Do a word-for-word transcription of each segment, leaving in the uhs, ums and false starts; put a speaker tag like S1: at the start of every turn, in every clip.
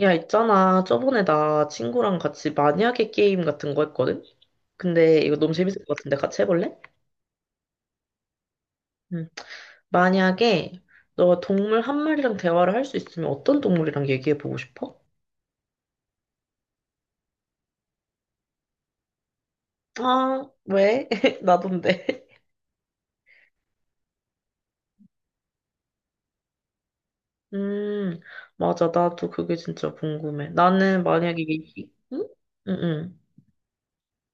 S1: 야, 있잖아. 저번에 나 친구랑 같이 만약에 게임 같은 거 했거든? 근데 이거 너무 재밌을 것 같은데 같이 해볼래? 응. 만약에 너가 동물 한 마리랑 대화를 할 수 있으면 어떤 동물이랑 얘기해보고 싶어? 아, 왜? 나돈데. 음, 맞아. 나도 그게 진짜 궁금해. 나는 만약에 얘기, 응? 응, 응.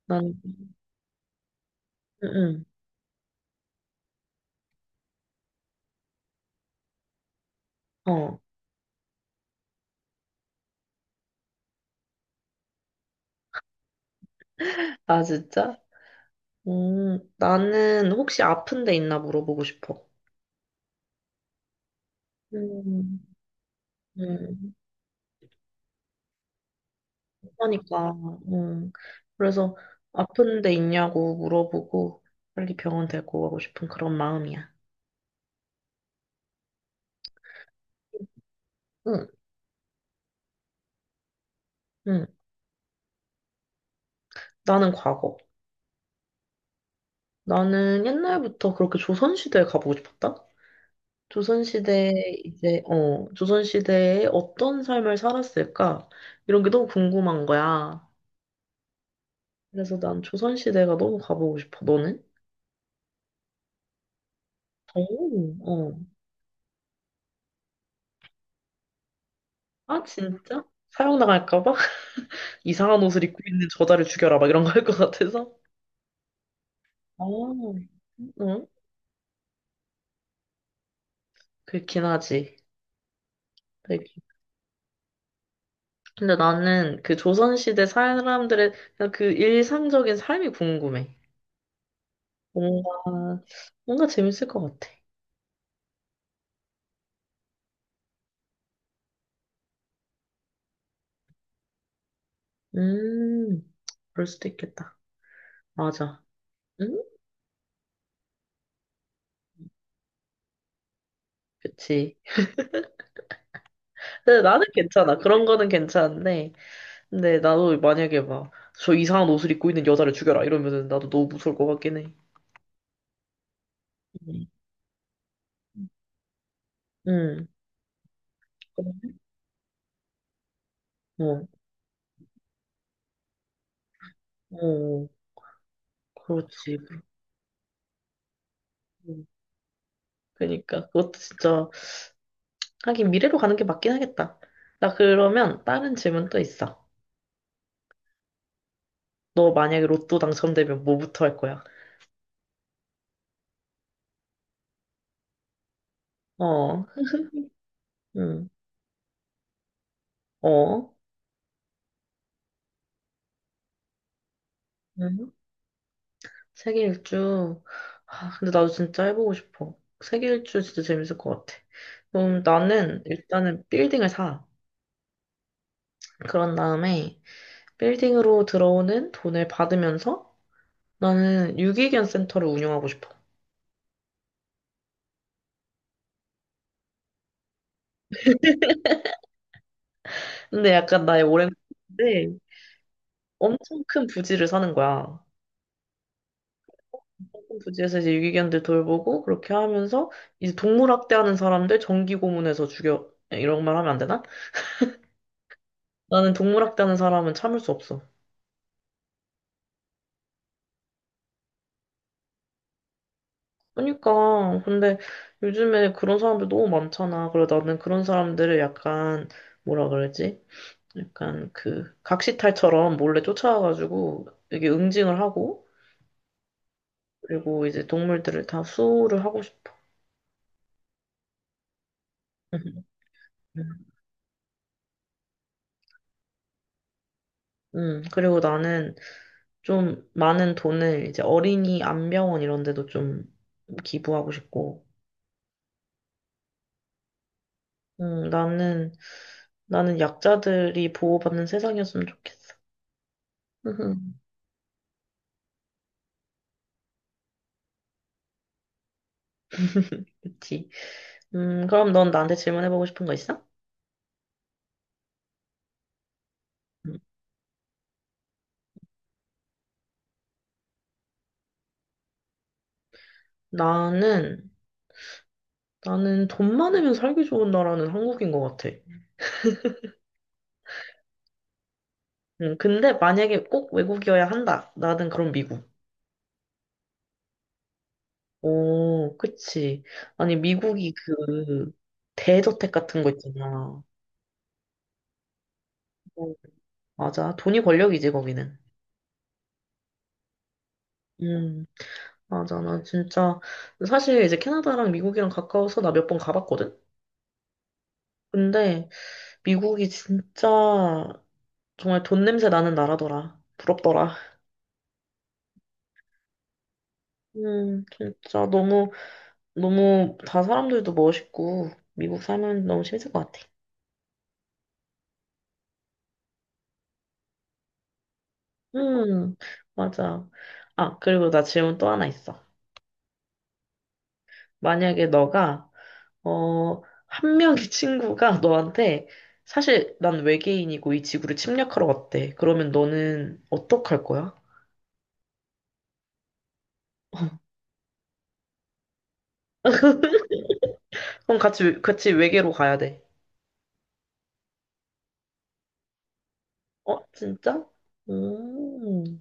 S1: 난, 응, 응. 어. 아, 진짜? 음, 나는 혹시 아픈 데 있나 물어보고 싶어. 음, 음. 그러니까, 음. 그래서 아픈 데 있냐고 물어보고 빨리 병원 데리고 가고 싶은 그런 마음이야. 응, 응. 나는 과거. 나는 옛날부터 그렇게 조선시대에 가보고 싶었다. 조선시대에 이제, 어, 조선시대에 어떤 삶을 살았을까? 이런 게 너무 궁금한 거야. 그래서 난 조선시대가 너무 가보고 싶어. 너는? 오, 어. 아, 진짜? 사형 당할까 봐? 이상한 옷을 입고 있는 저자를 죽여라. 막 이런 거 할 것 같아서? 어, 응? 그렇긴 하지. 되게. 근데 나는 그 조선시대 사람들의 그냥 그 일상적인 삶이 궁금해. 뭔가, 뭔가 재밌을 것 같아. 음, 그럴 수도 있겠다. 맞아. 응? 그치. 근데 나는 괜찮아. 그런 거는 괜찮은데. 근데 나도 만약에 막, 저 이상한 옷을 입고 있는 여자를 죽여라. 이러면은 나도 너무 무서울 것 같긴 해. 응. 응. 어, 어, 어. 그렇지. 음, 그러니까 그것도 진짜 하긴 미래로 가는 게 맞긴 하겠다. 나 그러면 다른 질문 또 있어. 너 만약에 로또 당첨되면 뭐부터 할 거야? 어, 응, 어, 응. 세계 일주. 아, 근데 나도 진짜 해보고 싶어. 세계 일주 진짜 재밌을 것 같아. 그럼 나는 일단은 빌딩을 사. 그런 다음에 빌딩으로 들어오는 돈을 받으면서 나는 유기견 센터를 운영하고 싶어. 근데 약간 나의 오랜 꿈인데 엄청 큰 부지를 사는 거야. 부지에서 이제 유기견들 돌보고 그렇게 하면서 이제 동물학대하는 사람들 전기 고문해서 죽여 예, 이런 말 하면 안 되나? 나는 동물학대하는 사람은 참을 수 없어. 그러니까 근데 요즘에 그런 사람들 너무 많잖아. 그래 나는 그런 사람들을 약간 뭐라 그러지? 약간 그 각시탈처럼 몰래 쫓아와가지고 이게 응징을 하고 그리고 이제 동물들을 다 수호를 하고 싶어. 음, 그리고 나는 좀 많은 돈을 이제 어린이 안병원 이런 데도 좀 기부하고 싶고, 음, 나는, 나는 약자들이 보호받는 세상이었으면 좋겠어. 그치. 음, 그럼 넌 나한테 질문해보고 싶은 거 있어? 음, 나는, 나는 돈 많으면 살기 좋은 나라는 한국인 것 같아. 음, 근데 만약에 꼭 외국이어야 한다. 나는 그럼 미국. 오, 그치. 아니, 미국이 그, 대저택 같은 거 있잖아. 어, 맞아. 돈이 권력이지, 거기는. 음, 맞아. 나 진짜, 사실 이제 캐나다랑 미국이랑 가까워서 나 몇 번 가봤거든? 근데 미국이 진짜 정말 돈 냄새 나는 나라더라. 부럽더라. 음, 진짜 너무, 너무 다 사람들도 멋있고, 미국 살면 너무 재밌을 것 같아. 음, 맞아. 아, 그리고 나 질문 또 하나 있어. 만약에 너가 어, 한 명의 친구가 너한테 사실 난 외계인이고 이 지구를 침략하러 왔대. 그러면 너는 어떡할 거야? 그럼 같이, 같이 외계로 가야 돼. 어, 진짜? 음,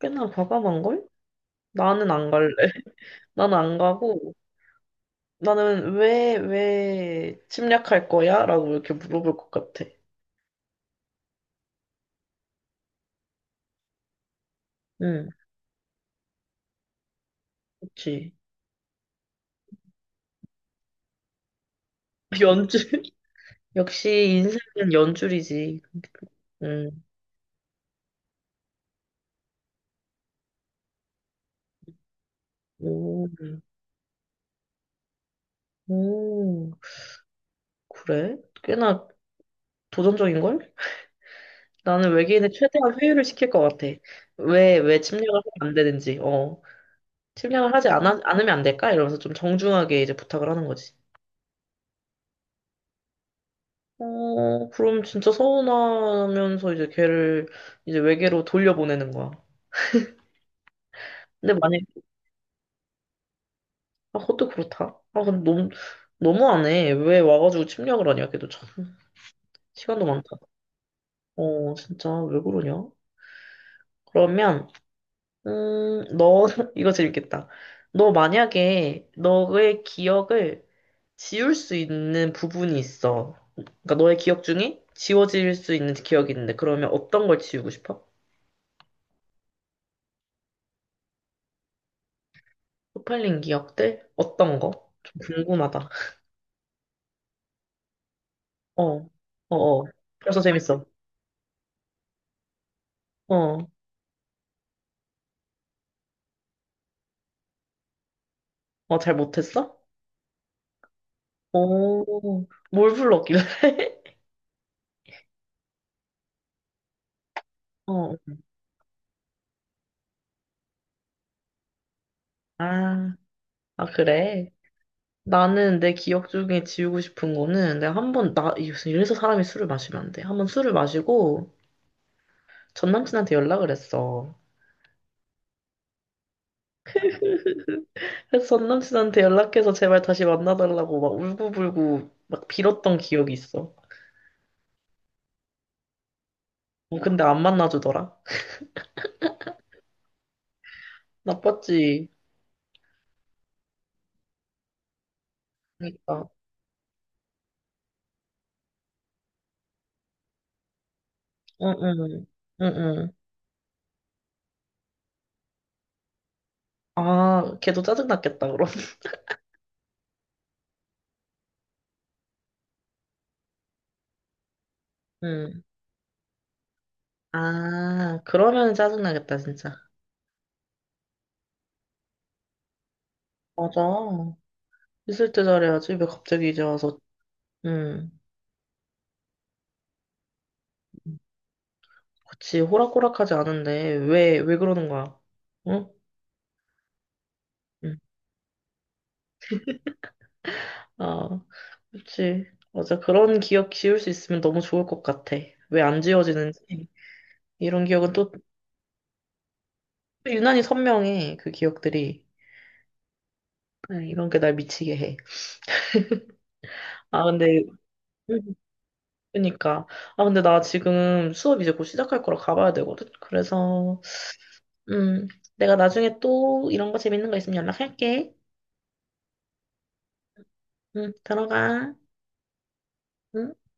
S1: 꽤나 과감한걸? 나는 안 갈래. 나는 안 가고, 나는 왜, 왜 침략할 거야? 라고 이렇게 물어볼 것 같아. 응, 그치. 연줄? 역시 인생은 연줄이지. 응, 오, 오, 그래? 꽤나 도전적인걸? 나는 외계인을 최대한 회유를 시킬 것 같아. 왜, 왜 침략을 하면 안 되는지, 어. 침략을 하지 않아, 않으면 안 될까? 이러면서 좀 정중하게 이제 부탁을 하는 거지. 어, 그럼 진짜 서운하면서 이제 걔를 이제 외계로 돌려보내는 거야. 근데 만약에, 아, 그것도 그렇다. 아, 근데 너무, 너무 안 해. 왜 와가지고 침략을 하냐, 걔도 참. 시간도 많다. 어, 진짜, 왜 그러냐? 그러면, 음, 너, 이거 재밌겠다. 너 만약에 너의 기억을 지울 수 있는 부분이 있어. 그러니까 너의 기억 중에 지워질 수 있는 기억이 있는데 그러면 어떤 걸 지우고 싶어? 쪽팔린 기억들? 어떤 거? 좀 궁금하다. 어, 어, 어. 벌써 재밌어. 어, 어, 잘 못했어? 오, 뭘 불렀길래? 어, 아, 아, 그래. 나는 내 기억 중에 지우고 싶은 거는 내가 한 번, 나, 이래서 사람이 술을 마시면 안 돼. 한번 술을 마시고 전 남친한테 연락을 했어. 그래서 전 남친한테 연락해서 제발 다시 만나달라고 막 울고불고 막 빌었던 기억이 있어. 어, 근데 안 만나주더라. 나빴지. 그러니까. 응, 응, 응, 응. 아, 걔도 짜증났겠다, 그럼. 응. 아, 그러면 짜증나겠다, 진짜. 맞아. 있을 때 잘해야지. 왜 갑자기 이제 와서. 응. 그치, 호락호락하지 않은데. 왜, 왜 그러는 거야? 응? 응. 아, 그렇지. 맞아. 그런 기억 지울 수 있으면 너무 좋을 것 같아. 왜 안 지워지는지. 이런 기억은 또 유난히 선명해. 그 기억들이. 네, 이런 게 날 미치게 해. 아, 근데, 음, 그러니까. 아, 근데 나 지금 수업 이제 곧 시작할 거라 가봐야 되거든. 그래서, 음, 내가 나중에 또 이런 거 재밌는 거 있으면 연락할게. 응, 들어가. 응?